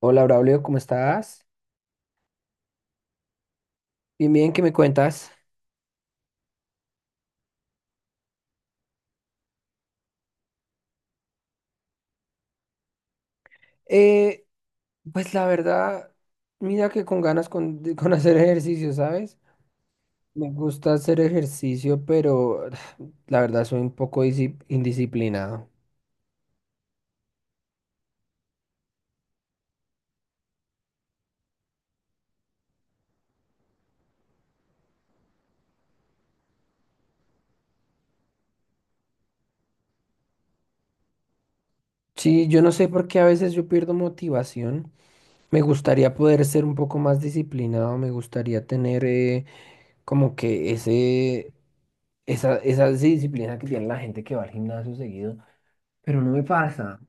Hola, Braulio, ¿cómo estás? Bien, bien, ¿qué me cuentas? Eh, pues la verdad, mira que con ganas con, de- con hacer ejercicio, ¿sabes? Me gusta hacer ejercicio, pero la verdad soy un poco disi- indisciplinado. Sí, yo no sé por qué a veces yo pierdo motivación. Me gustaría poder ser un poco más disciplinado, me gustaría tener como que ese, esa disciplina que tiene la gente que va al gimnasio seguido, pero no me pasa.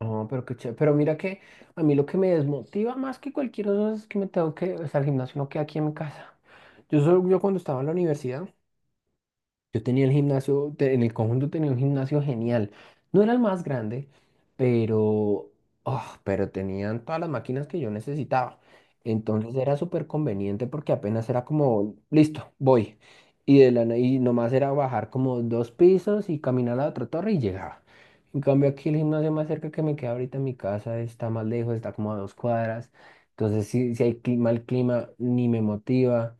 No, pero qué chévere. Pero mira que a mí lo que me desmotiva más que cualquier cosa es que me tengo que, o sea, el gimnasio no queda aquí en mi casa. Yo, solo- yo cuando estaba en la universidad, yo tenía el gimnasio, te- en el conjunto tenía un gimnasio genial. No era el más grande, pero, ah, pero tenían todas las máquinas que yo necesitaba. Entonces era súper conveniente porque apenas era como, listo, voy. Y, de la, na- y nomás era bajar como dos pisos y caminar a la otra torre y llegaba. En cambio aquí el gimnasio más cerca que me queda ahorita en mi casa está más lejos, está como a dos cuadras. Entonces si hay cli- mal clima, ni me motiva.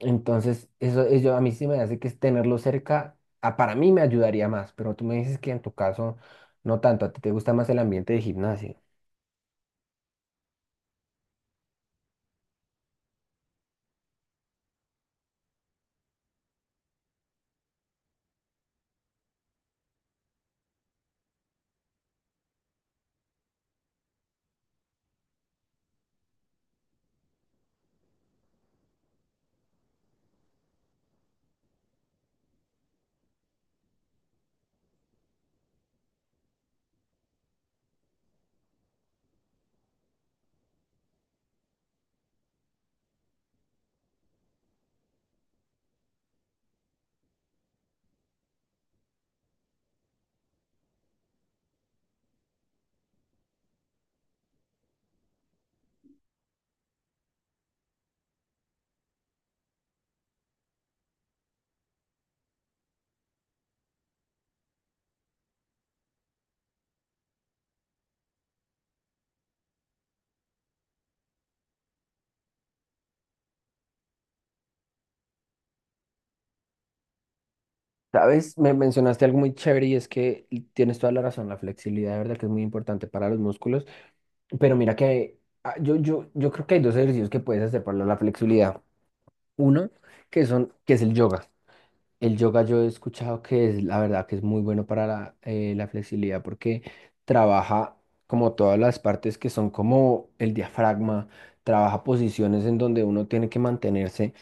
Entonces, eso a mí sí me hace que es tenerlo cerca, ah, para mí me ayudaría más, pero tú me dices que en tu caso no tanto, a ti te gusta más el ambiente de gimnasio. Sabes, me mencionaste algo muy chévere y es que y tienes toda la razón, la flexibilidad de verdad que es muy importante para los músculos, pero mira que ah, yo creo que hay dos ejercicios que puedes hacer para la flexibilidad. Uno, que son, que es el yoga. El yoga yo he escuchado que es, la verdad, que es muy bueno para la, la flexibilidad porque trabaja como todas las partes que son como el diafragma, trabaja posiciones en donde uno tiene que mantenerse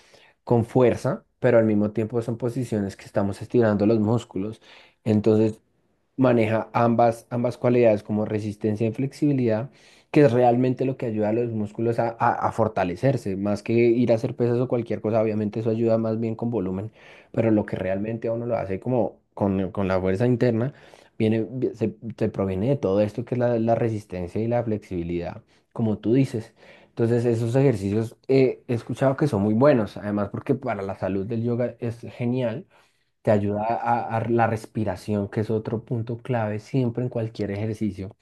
con fuerza, pero al mismo tiempo son posiciones que estamos estirando los músculos. Entonces, maneja ambas, ambas cualidades como resistencia y flexibilidad, que es realmente lo que ayuda a los músculos a fortalecerse, más que ir a hacer pesas o cualquier cosa, obviamente eso ayuda más bien con volumen, pero lo que realmente a uno lo hace como con la fuerza interna, viene, vi- se proviene de todo esto que es la, la resistencia y la flexibilidad, como tú dices. Entonces esos ejercicios he escuchado que son muy buenos, además porque para la salud del yoga es genial, te ayuda a la respiración, que es otro punto clave siempre en cualquier ejercicio.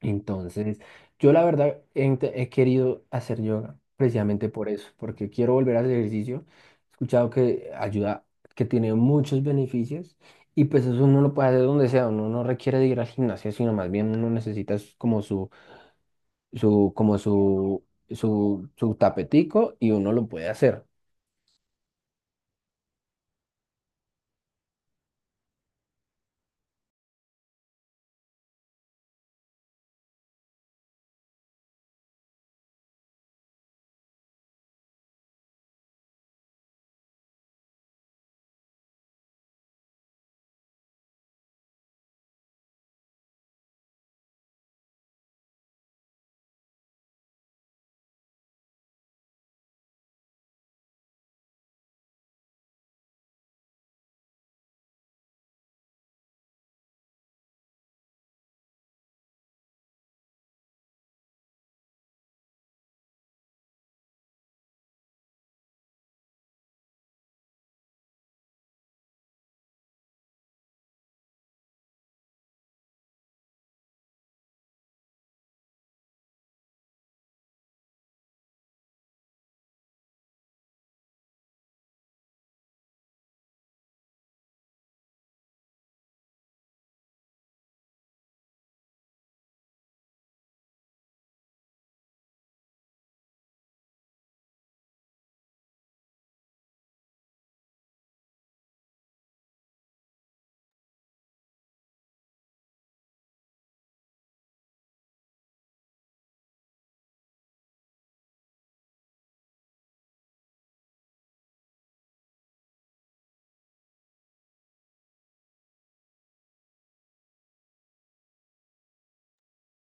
Entonces, yo la verdad he, int- he querido hacer yoga precisamente por eso, porque quiero volver al ejercicio. He escuchado que ayuda, que tiene muchos beneficios y pues eso uno lo puede hacer donde sea, uno no requiere de ir al gimnasio, sino más bien uno necesita es como su, como su tapetico y uno lo puede hacer.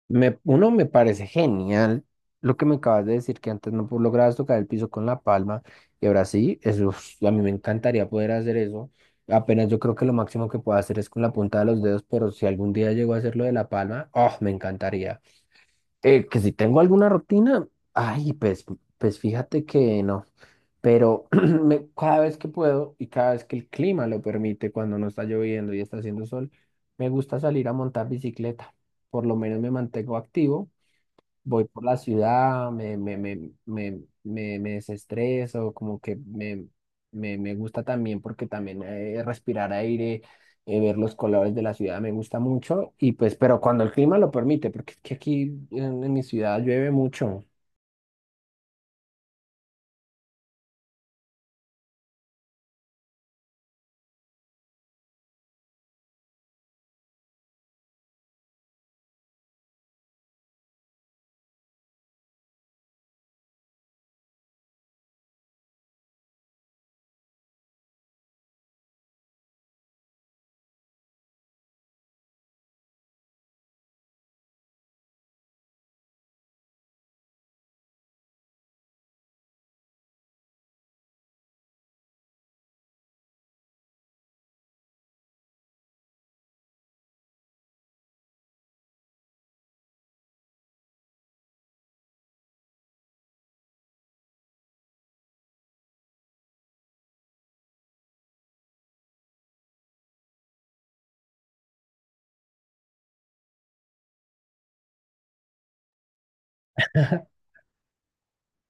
Me, uno me parece genial lo que me acabas de decir, que antes no pu- lograbas tocar el piso con la palma y ahora sí, eso, es- a mí me encantaría poder hacer eso. Apenas yo creo que lo máximo que puedo hacer es con la punta de los dedos, pero si algún día llego a hacerlo de la palma, oh, me encantaría. Que si tengo alguna rutina, ay, pues, pues fíjate que no, pero me- cada vez que puedo y cada vez que el clima lo permite, cuando no está lloviendo y está haciendo sol, me gusta salir a montar bicicleta. Por lo menos me mantengo activo, voy por la ciudad, me desestreso, como que me gusta también porque también respirar aire, ver los colores de la ciudad me gusta mucho y pues, pero cuando el clima lo permite, porque es que aquí en mi ciudad llueve mucho.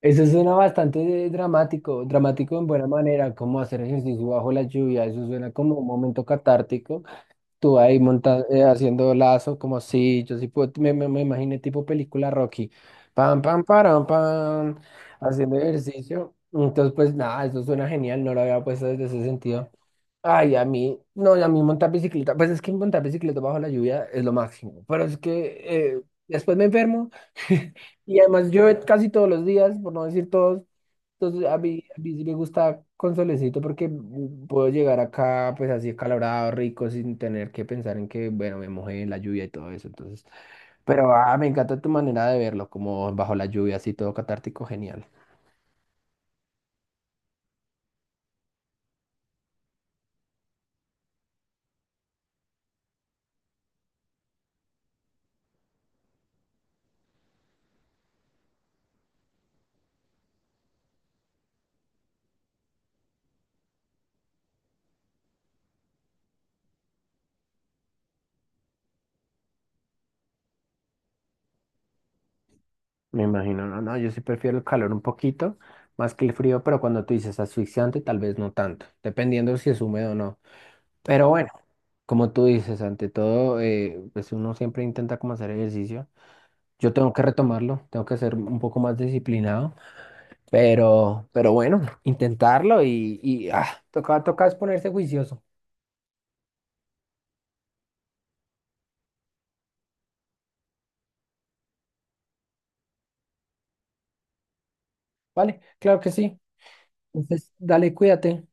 Eso suena bastante dramático, dramático en buena manera, como hacer ejercicio bajo la lluvia, eso suena como un momento catártico. Tú ahí monta haciendo lazo, como si yo sí puedo, me imaginé tipo película Rocky. Pam, pam, param, pam, haciendo ejercicio. Entonces, pues nada, eso suena genial, no lo había puesto desde ese sentido. Ay, a mí, no, y a mí montar bicicleta, pues es que montar bicicleta bajo la lluvia es lo máximo, pero es que eh, después me enfermo y además llueve casi todos los días, por no decir todos, entonces, a mí sí me gusta con solecito porque puedo llegar acá, pues así acalorado, rico, sin tener que pensar en que, bueno, me mojé en la lluvia y todo eso. Entonces, pero ah, me encanta tu manera de verlo, como bajo la lluvia, así todo catártico, genial. Me imagino, no, no, yo sí prefiero el calor un poquito más que el frío, pero cuando tú dices asfixiante, tal vez no tanto, dependiendo si es húmedo o no. Pero bueno, como tú dices, ante todo, pues uno siempre intenta como hacer ejercicio. Yo tengo que retomarlo, tengo que ser un poco más disciplinado. Pero bueno, intentarlo y ah, toca, toca es ponerse juicioso. ¿Vale? Claro que sí. Entonces, dale, cuídate.